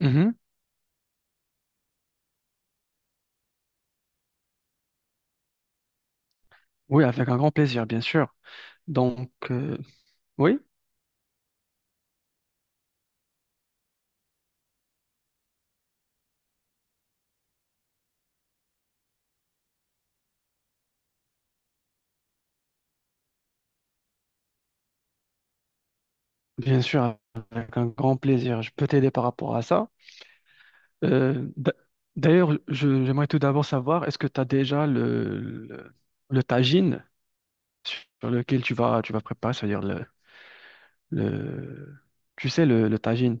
Mhm. Oui, avec un grand plaisir, bien sûr. Donc, oui, bien sûr, avec un grand plaisir. Je peux t'aider par rapport à ça. Euh, d'a- D'ailleurs, j'aimerais tout d'abord savoir, est-ce que tu as déjà le, le tagine sur lequel tu vas préparer, c'est-à-dire le, tu sais, le tagine?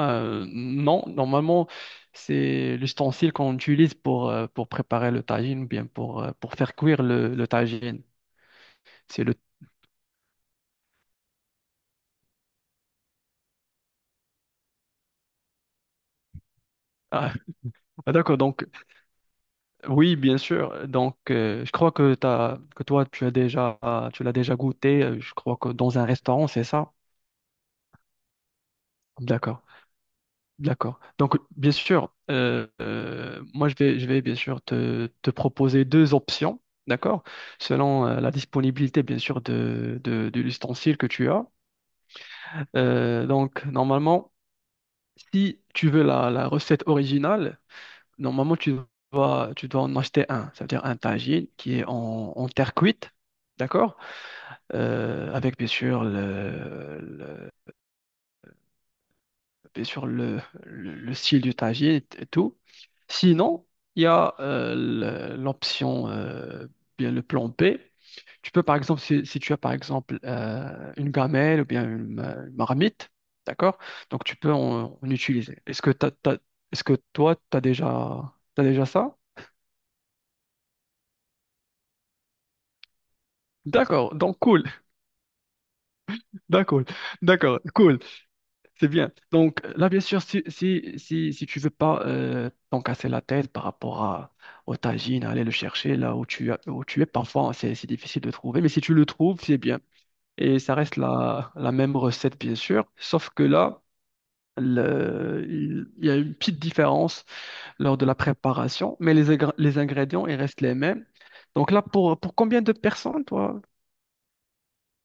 Non, normalement, c'est l'ustensile qu'on utilise pour préparer le tagine, ou bien pour faire cuire le tagine. C'est le, ah, ah, d'accord, donc. Oui, bien sûr. Donc, je crois que toi, tu as déjà, tu l'as déjà goûté. Je crois que dans un restaurant, c'est ça. D'accord, d'accord. Donc, bien sûr, moi, je vais bien sûr te proposer deux options, d'accord, selon la disponibilité, bien sûr, de l'ustensile que tu as. Donc, normalement, si tu veux la recette originale, normalement, tu dois en acheter un. C'est à dire un tagine qui est en, en terre cuite, d'accord? Avec bien sûr bien sûr le style du tagine et tout. Sinon, il y a l'option, bien le plan B. Tu peux, par exemple, si tu as, par exemple, une gamelle ou bien une marmite, d'accord? Donc, tu peux en utiliser. Est-ce que est-ce que toi, tu as déjà, t'as déjà ça? D'accord, donc cool, d'accord, d'accord, cool. C'est bien. Donc là, bien sûr, si tu veux pas t'en casser la tête par rapport à, au tagine, aller le chercher là où où tu es, parfois hein, c'est difficile de trouver, mais si tu le trouves, c'est bien. Et ça reste la même recette, bien sûr, sauf que là, il y a une petite différence lors de la préparation, mais les ingrédients, ils restent les mêmes. Donc là, pour combien de personnes, toi?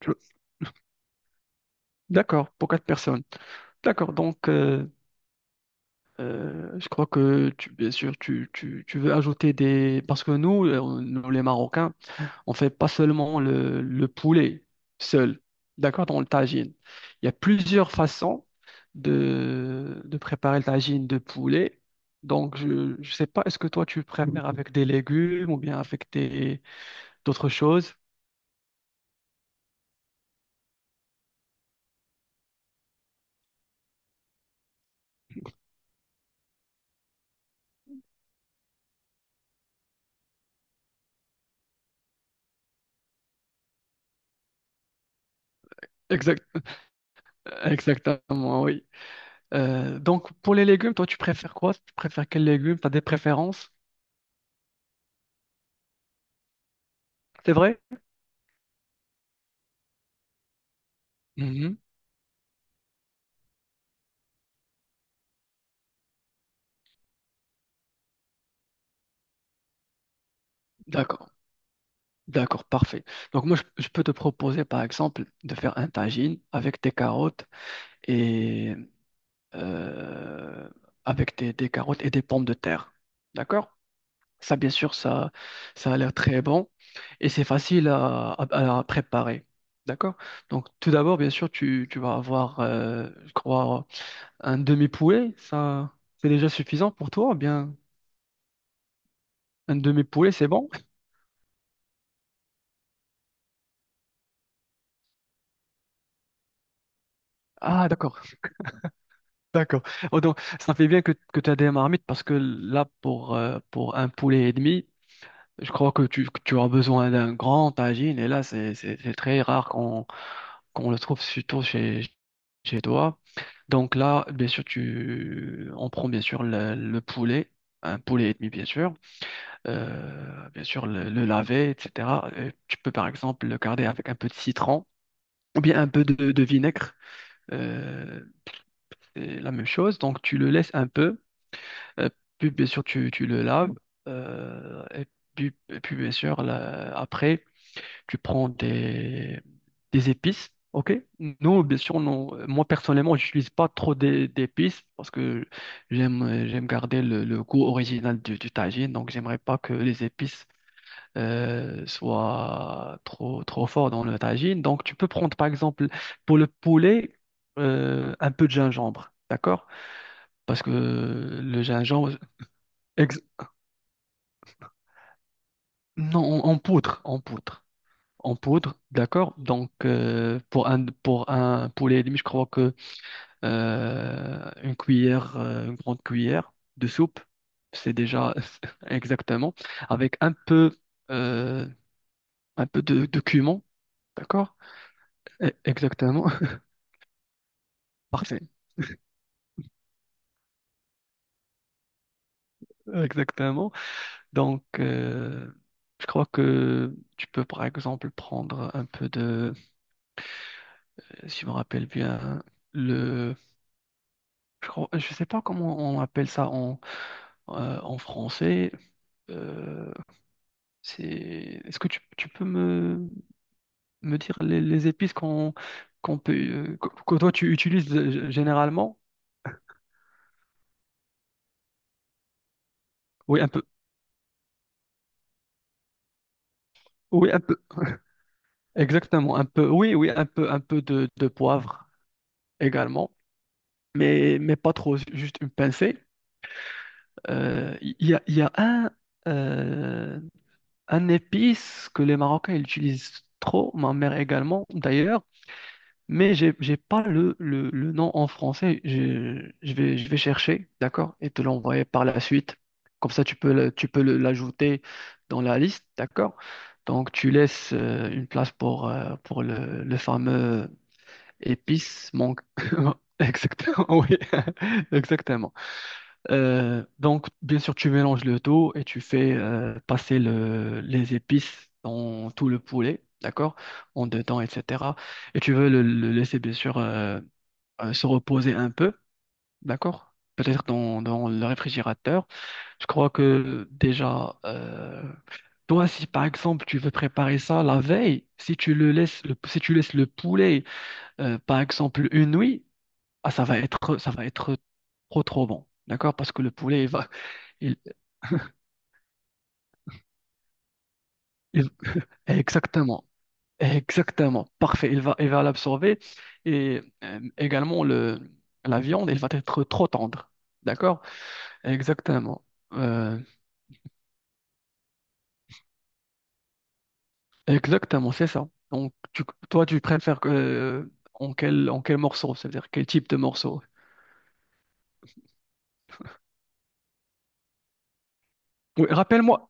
tu- D'accord, pour quatre personnes. D'accord, donc je crois que tu, bien sûr, tu veux ajouter des... Parce que nous, nous, les Marocains, on fait pas seulement le poulet seul, d'accord, dans le tagine. Il y a plusieurs façons de préparer le tagine de poulet. Donc, je sais pas, est-ce que toi, tu préfères avec des légumes ou bien avec des, d'autres choses? Exact, exactement, oui. Donc, pour les légumes, toi, tu préfères quoi? Tu préfères quels légumes? Tu as des préférences? C'est vrai? Mhm. D'accord. D'accord, parfait. Donc moi, je peux te proposer, par exemple, de faire un tagine avec des carottes et euh, avec des carottes et des pommes de terre. D'accord? Ça, bien sûr, ça a l'air très bon et c'est facile à préparer. D'accord? Donc tout d'abord, bien sûr, tu vas avoir, je crois, un demi-poulet. Ça, c'est déjà suffisant pour toi? Ou bien, un demi-poulet, c'est bon? Ah, d'accord. D'accord. Oh, donc, ça fait bien que tu as des marmites parce que là, pour un poulet et demi, je crois que tu as besoin d'un grand tagine. Et là, c'est très rare qu'on qu'on le trouve surtout chez, chez toi. Donc là, bien sûr, tu, on prend bien sûr le poulet, un poulet et demi, bien sûr. Bien sûr, le laver, etc. Tu peux par exemple le garder avec un peu de citron ou bien un peu de vinaigre. Euh, c'est la même chose. Donc, tu le laisses un peu. Euh, puis bien sûr tu le laves et puis, bien sûr là, après tu prends des épices. Ok? Non, bien sûr, non. Moi, personnellement, j'utilise pas trop d'épices parce que j'aime garder le goût original du tagine. Donc, j'aimerais pas que les épices soient trop, trop forts dans le tagine. Donc, tu peux prendre, par exemple, pour le poulet, un peu de gingembre. D'accord? Parce que le gingembre, Ex- non, en, en poudre, en poudre, en poudre, d'accord. Donc pour un poulet et demi je crois que une grande cuillère de soupe, c'est déjà exactement avec euh, un peu de cumin, d'accord. Exactement, parfait, exactement. Donc je crois que tu peux par exemple prendre un peu de, si je me rappelle bien, le je crois- je sais pas comment on appelle ça en, en français. Euh, c'est, est-ce que tu peux me dire les épices qu'on qu'on peut que toi tu utilises généralement? Oui, un peu. Oui, un peu. Exactement, un peu. Oui, oui, un peu de poivre également, mais pas trop, juste une pincée. Il y a euh, un épice que les Marocains ils utilisent trop, ma mère également d'ailleurs. Mais j'ai pas le nom en français. Je vais chercher, d'accord? Et te l'envoyer par la suite. Comme ça, tu peux l'ajouter dans la liste, d'accord? Donc, tu laisses une place pour le fameux épice manque. Exactement, oui. Exactement. Donc, bien sûr, tu mélanges le tout et tu fais passer les épices dans tout le poulet, d'accord? En dedans, etc. Et tu veux le laisser, bien sûr, se reposer un peu, d'accord? Peut-être dans le réfrigérateur. Je crois que déjà, toi, si par exemple tu veux préparer ça la veille, si tu le laisses, le- si tu laisses le poulet, par exemple, une nuit, ah, ça va être trop, trop bon, d'accord? Parce que le poulet, il va. il- Exactement, exactement, parfait. Il va l'absorber et également la viande, elle va être trop tendre. D'accord? Exactement, Euh, exactement, c'est ça. Donc, toi, tu préfères que, en quel morceau? C'est-à-dire quel type de morceau? Oui, rappelle-moi,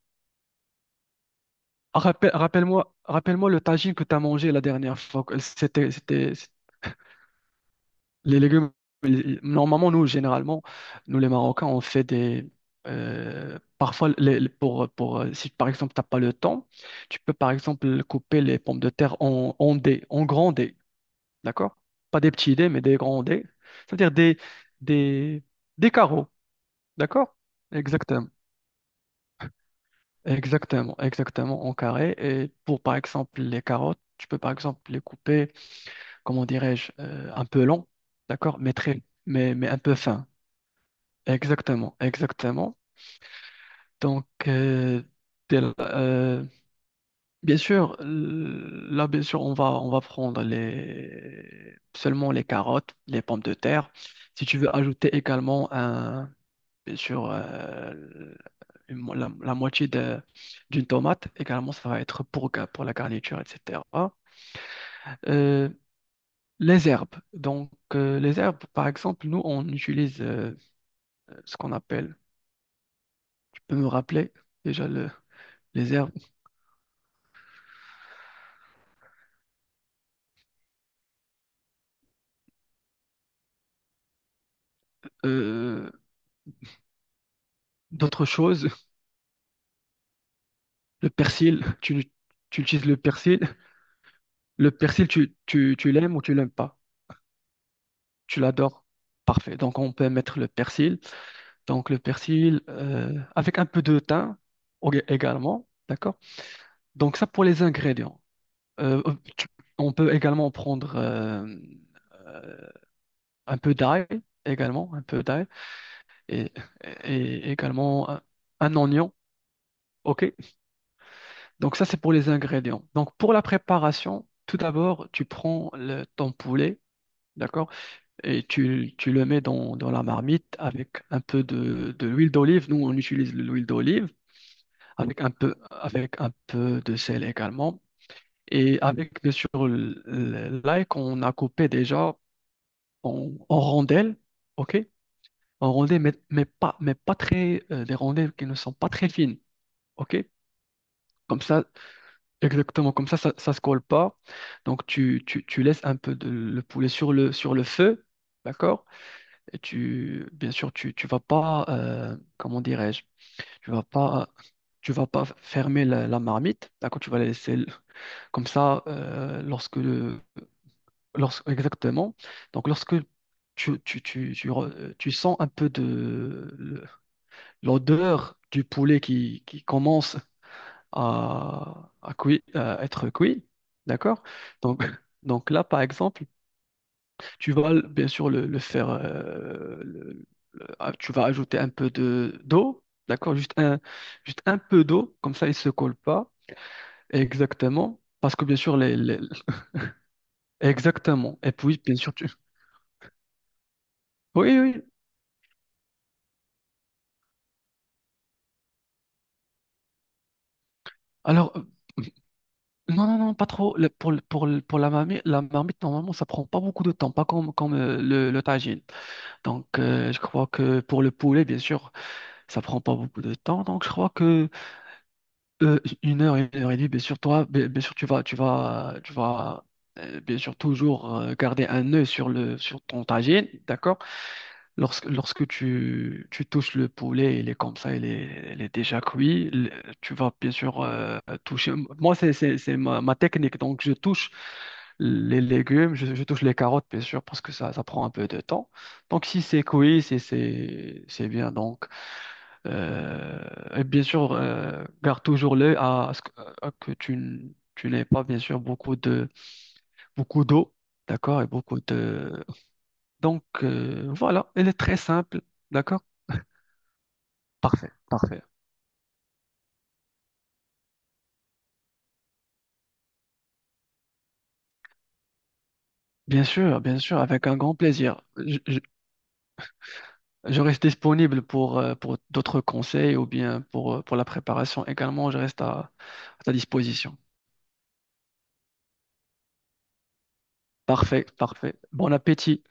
rappelle-moi le tagine que tu as mangé la dernière fois. C'était, c'était, les légumes, normalement, nous, généralement, nous, les Marocains, on fait des... parfois, pour, si par exemple, tu n'as pas le temps, tu peux, par exemple, couper les pommes de terre en dés, en grands dés, d'accord? Pas des petits dés, mais des grands dés. C'est-à-dire des, des carreaux, d'accord? Exactement. Exactement, exactement, en carré. Et pour, par exemple, les carottes, tu peux, par exemple, les couper, comment dirais-je, un peu long, d'accord? Mais très, mais un peu fin. Exactement, exactement. Donc, dès la- euh, bien sûr, là, bien sûr, on va prendre les, seulement les carottes, les pommes de terre. Si tu veux ajouter également, un, bien sûr, la, la moitié d'une tomate, également, ça va être pour, pour la garniture, etc. Euh, les herbes. Donc, les herbes, par exemple, nous, on utilise ce qu'on appelle, tu peux me rappeler déjà le, les herbes? euh, D'autres choses. Le persil, tu utilises le persil. Le persil, tu l'aimes ou tu l'aimes pas. Tu l'adores. Parfait. Donc, on peut mettre le persil. Donc, le persil avec un peu de thym également. D'accord? Donc, ça pour les ingrédients. Euh, euh, tu- on peut également prendre euh, un peu d'ail également, un peu d'ail et, et également un oignon. OK? Donc ça, c'est pour les ingrédients. Donc pour la préparation, tout d'abord, tu prends ton poulet, d'accord? Et tu le mets dans la marmite avec un peu de l'huile d'olive. Nous, on utilise l'huile d'olive avec un peu de sel également. Et avec, bien sûr, l'ail qu'on a coupé déjà en, en rondelles, OK? En rondelles, mais pas très, des rondelles qui ne sont pas très fines, OK? Comme ça, exactement, comme ça se colle pas. Donc, tu laisses un peu de, le poulet sur le feu, d'accord? Et tu, bien sûr, tu vas pas, comment dirais-je, tu vas pas, tu vas pas fermer la marmite, d'accord? Tu vas la laisser comme ça, lorsque, exactement. Donc, lorsque tu sens un peu de l'odeur du poulet qui commence à, à être cuit, d'accord? Donc, donc là, par exemple, bien sûr le faire, ah, tu vas ajouter un peu de d'eau, d'accord? Juste un peu d'eau, comme ça il se colle pas exactement, parce que bien sûr les- exactement. Et puis bien sûr tu, oui oui. Alors non non non pas trop. Pour la marmite normalement ça prend pas beaucoup de temps, pas comme comme le tagine. Donc je crois que pour le poulet bien sûr. Ça prend pas beaucoup de temps, donc je crois que une heure et demie, bien sûr, toi, bien, bien sûr, tu vas, bien sûr, toujours garder un œil sur le, sur ton tagine, d'accord? Lorsque, lorsque tu touches le poulet, il est comme ça, il est déjà cuit. Tu vas bien sûr toucher. Moi, c'est ma, ma technique, donc je touche les légumes, je touche les carottes, bien sûr, parce que ça prend un peu de temps. Donc si c'est cuit, si c'est, c'est bien, donc. Euh, et bien sûr, garde toujours l'œil à ce que, à que tu, tu n'aies pas, bien sûr, beaucoup de, beaucoup d'eau, d'accord, et beaucoup de... Donc, voilà, elle est très simple, d'accord? Parfait, parfait. Bien sûr, avec un grand plaisir. Je reste disponible pour d'autres conseils ou bien pour la préparation également, je reste à ta disposition. Parfait, parfait. Bon appétit.